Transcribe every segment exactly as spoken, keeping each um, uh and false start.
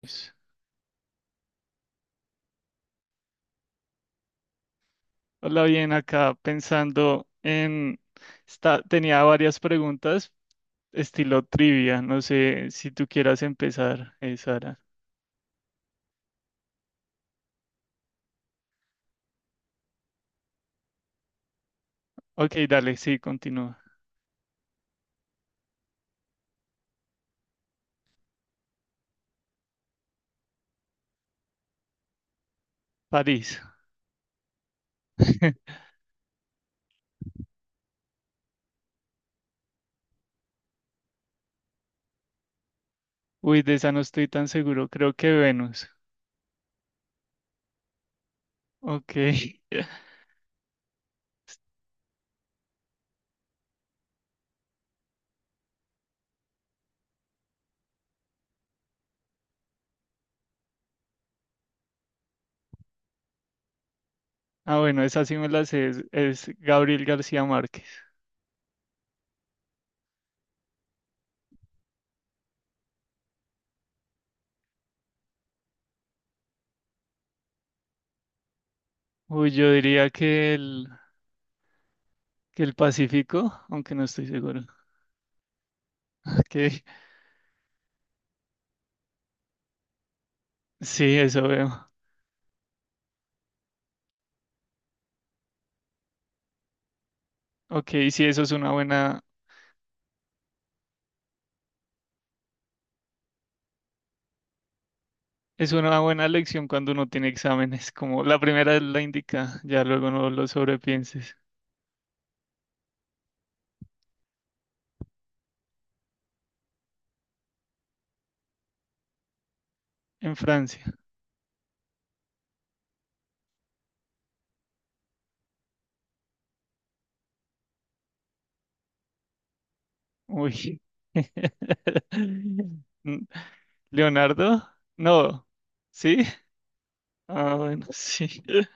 Pues, hola, bien, acá pensando en esta- tenía varias preguntas, estilo trivia. No sé si tú quieras empezar, eh, Sara. Ok, dale, sí, continúa. París. Uy, de esa no estoy tan seguro. Creo que Venus. Ok. Ah, bueno, esa sí me la sé. Es, es Gabriel García Márquez. Uy, yo diría que el, que el Pacífico, aunque no estoy seguro. Ok. Sí, eso veo. Ok, sí, eso es una buena. Es una buena lección cuando uno tiene exámenes, como la primera es la indica, ya luego no lo sobrepienses. En Francia. Uy. Mm, Leonardo, no. ¿Sí? Ah, bueno, sí.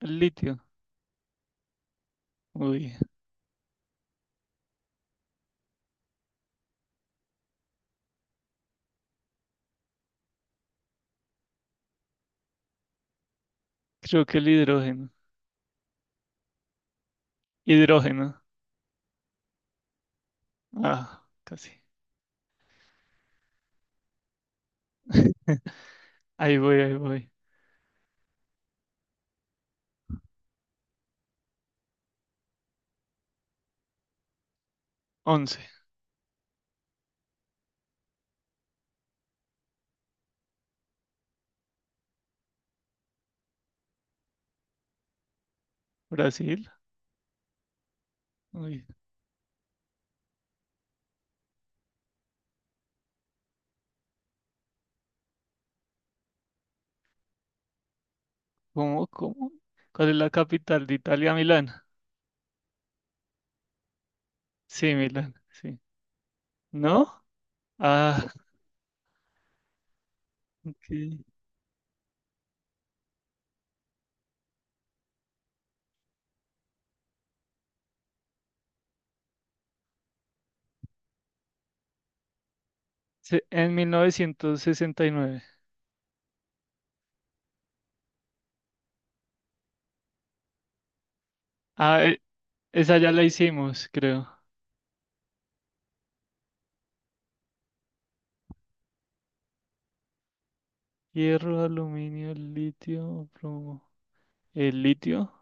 El litio. Uy, creo que el hidrógeno. Hidrógeno. Ah, casi. Ahí voy, ahí voy. Once. Brasil. Uy, ¿cómo, cómo? ¿Cuál es la capital de Italia? Milán. Sí, Milán, sí. ¿No? Ah, ok. Se- En mil novecientos sesenta y nueve. Ah, e- esa ya la hicimos, creo. Hierro, aluminio, litio, plomo. ¿El litio?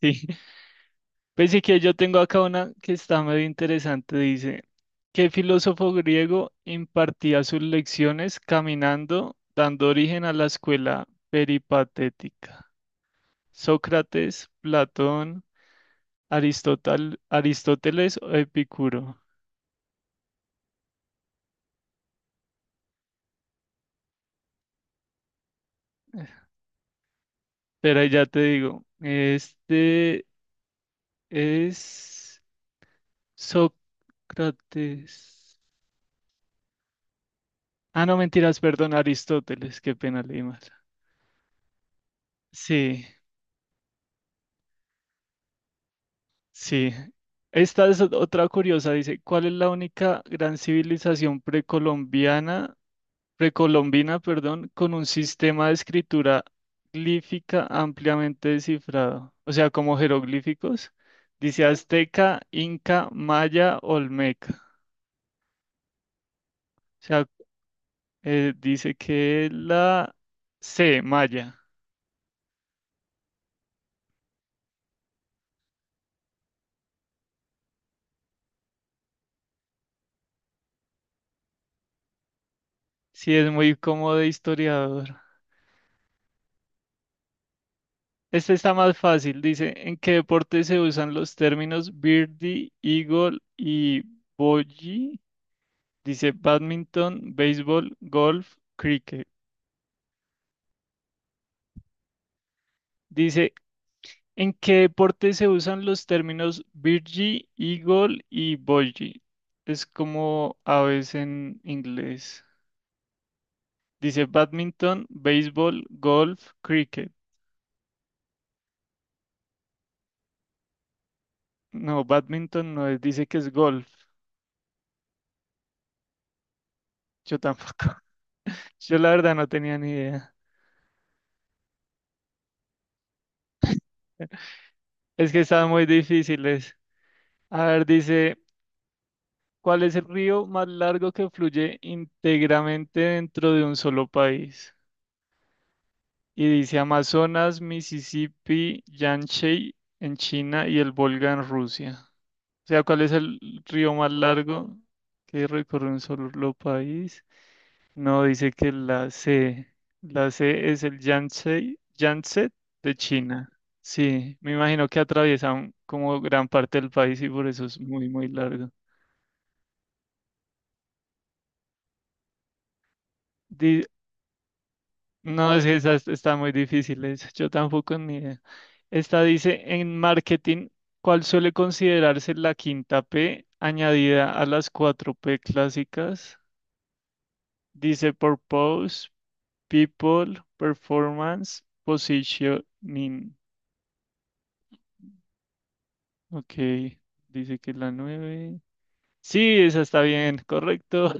Sí. Pues Pensé que yo tengo acá una que está medio interesante. Dice, ¿qué filósofo griego impartía sus lecciones caminando, dando origen a la escuela peripatética? ¿Sócrates, Platón, Aristotel, Aristóteles o Epicuro? Pero ahí ya te digo, este. Es Sócrates. Ah, no, mentiras, perdón, Aristóteles, qué pena leí mal. Sí, sí. Esta es ot- otra curiosa, dice, ¿cuál es la única gran civilización precolombiana, precolombina, perdón, con un sistema de escritura glífica ampliamente descifrado? O sea, como jeroglíficos. Dice azteca, inca, maya, olmeca. O sea, eh, dice que la C, maya. Sí, es muy cómodo de historiador. Este está más fácil. Dice, ¿en qué deporte se usan los términos birdie, eagle y bogey? Dice, badminton, béisbol, golf, cricket. Dice, ¿en qué deporte se usan los términos birdie, eagle y bogey? Es como aves en inglés. Dice, badminton, béisbol, golf, cricket. No, badminton no es, dice que es golf. Yo tampoco. Yo la verdad no tenía ni idea. Es que están muy difíciles. A ver, dice, ¿cuál es el río más largo que fluye íntegramente dentro de un solo país? Y dice Amazonas, Mississippi, Yangtze en China y el Volga en Rusia. O sea, ¿cuál es el río más largo que recorre un solo país? No, dice que la C, la C es el Yangtze, Yangtze de China. Sí, me imagino que atraviesa un- como gran parte del país y por eso es muy, muy largo. Di- no, es que esas están muy difíciles. Yo tampoco ni idea. Esta dice, en marketing, ¿cuál suele considerarse la quinta P añadida a las cuatro P clásicas? Dice purpose, people, performance, positioning. Ok, dice que es la nueve. Sí, esa está bien, correcto.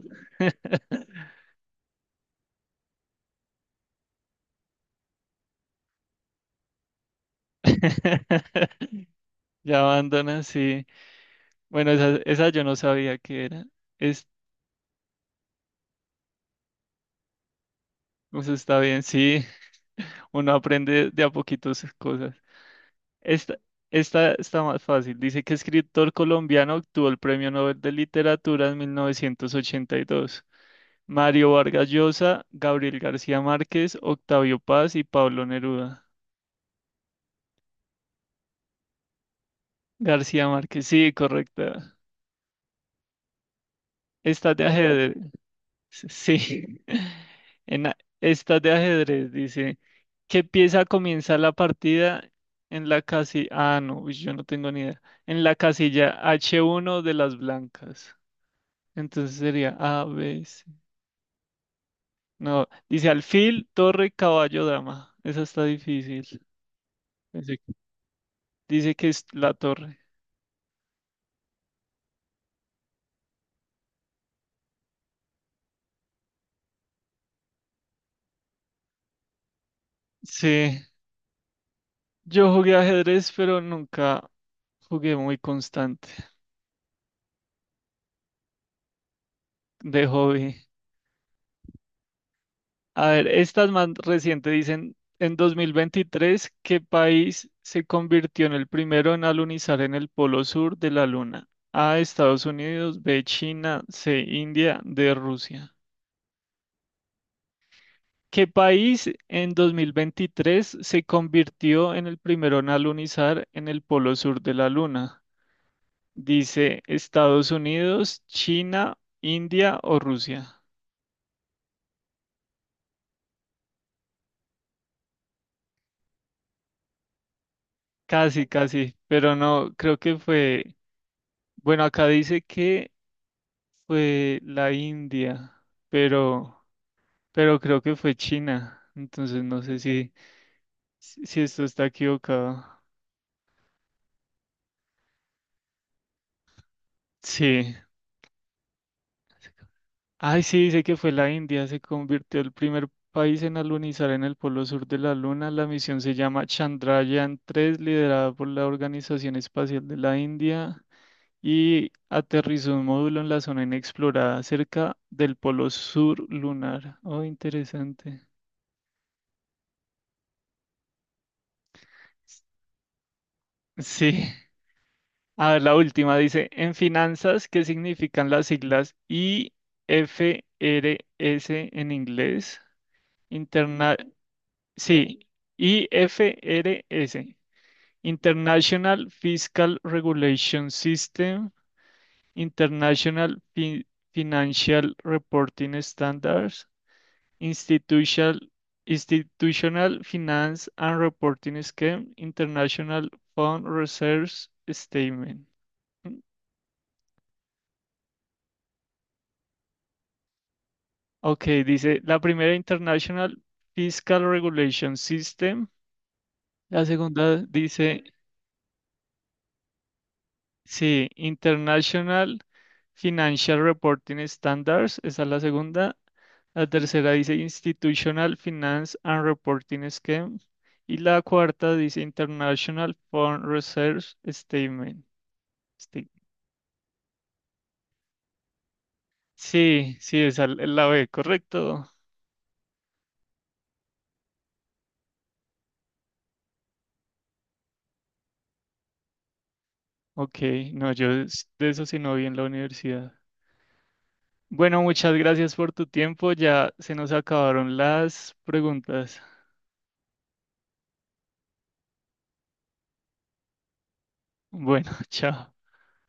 Ya abandona, sí. Bueno, esa, esa yo no sabía que era. Es, eso está bien, sí. Uno aprende de a poquito sus cosas. Esta, esta está más fácil. Dice que escritor colombiano obtuvo el Premio Nobel de Literatura en mil novecientos ochenta y dos. Mario Vargas Llosa, Gabriel García Márquez, Octavio Paz y Pablo Neruda. García Márquez, sí, correcto. Estás de ajedrez. Sí. En a- estás de ajedrez, dice. ¿Qué pieza comienza la partida en la casilla? Ah, no, uy, yo no tengo ni idea. En la casilla hache uno de las blancas. Entonces sería A, B, C. No, dice alfil, torre, caballo, dama. Esa está difícil. Dice, dice que es la torre. Sí, yo jugué ajedrez, pero nunca jugué muy constante de hobby. A ver, estas más recientes dicen, en dos mil veintitrés, ¿qué país se convirtió en el primero en alunizar en el polo sur de la Luna? A, Estados Unidos, B, China, C, India, D, Rusia. ¿Qué país en dos mil veintitrés se convirtió en el primero en alunizar en el polo sur de la Luna? Dice Estados Unidos, China, India o Rusia. Casi, casi, pero no, creo que fue... Bueno, acá dice que fue la India, pero, pero creo que fue China. Entonces no sé si, si si esto está equivocado. Sí. Ay, sí, dice que fue la India. Se convirtió el primer país en alunizar en el polo sur de la Luna. La misión se llama Chandrayaan tres, liderada por la Organización Espacial de la India. Y aterrizó un módulo en la zona inexplorada cerca del polo sur lunar. Oh, interesante. Sí. A ver, la última dice, en finanzas, ¿qué significan las siglas I F R S en inglés? Interna sí, I F R S, International Fiscal Regulation System, International Fin- Financial Reporting Standards, Institutional, Institutional Finance and Reporting Scheme, International Fund Reserves Statement. Ok, dice la primera International Fiscal Regulation System, la segunda dice, sí, International Financial Reporting Standards, esa es la segunda, la tercera dice Institutional Finance and Reporting Scheme y la cuarta dice International fund Reserve Statement. Sti- Sí, sí, esa es la B, correcto. Ok, no, yo de eso sí no vi en la universidad. Bueno, muchas gracias por tu tiempo. Ya se nos acabaron las preguntas. Bueno, chao.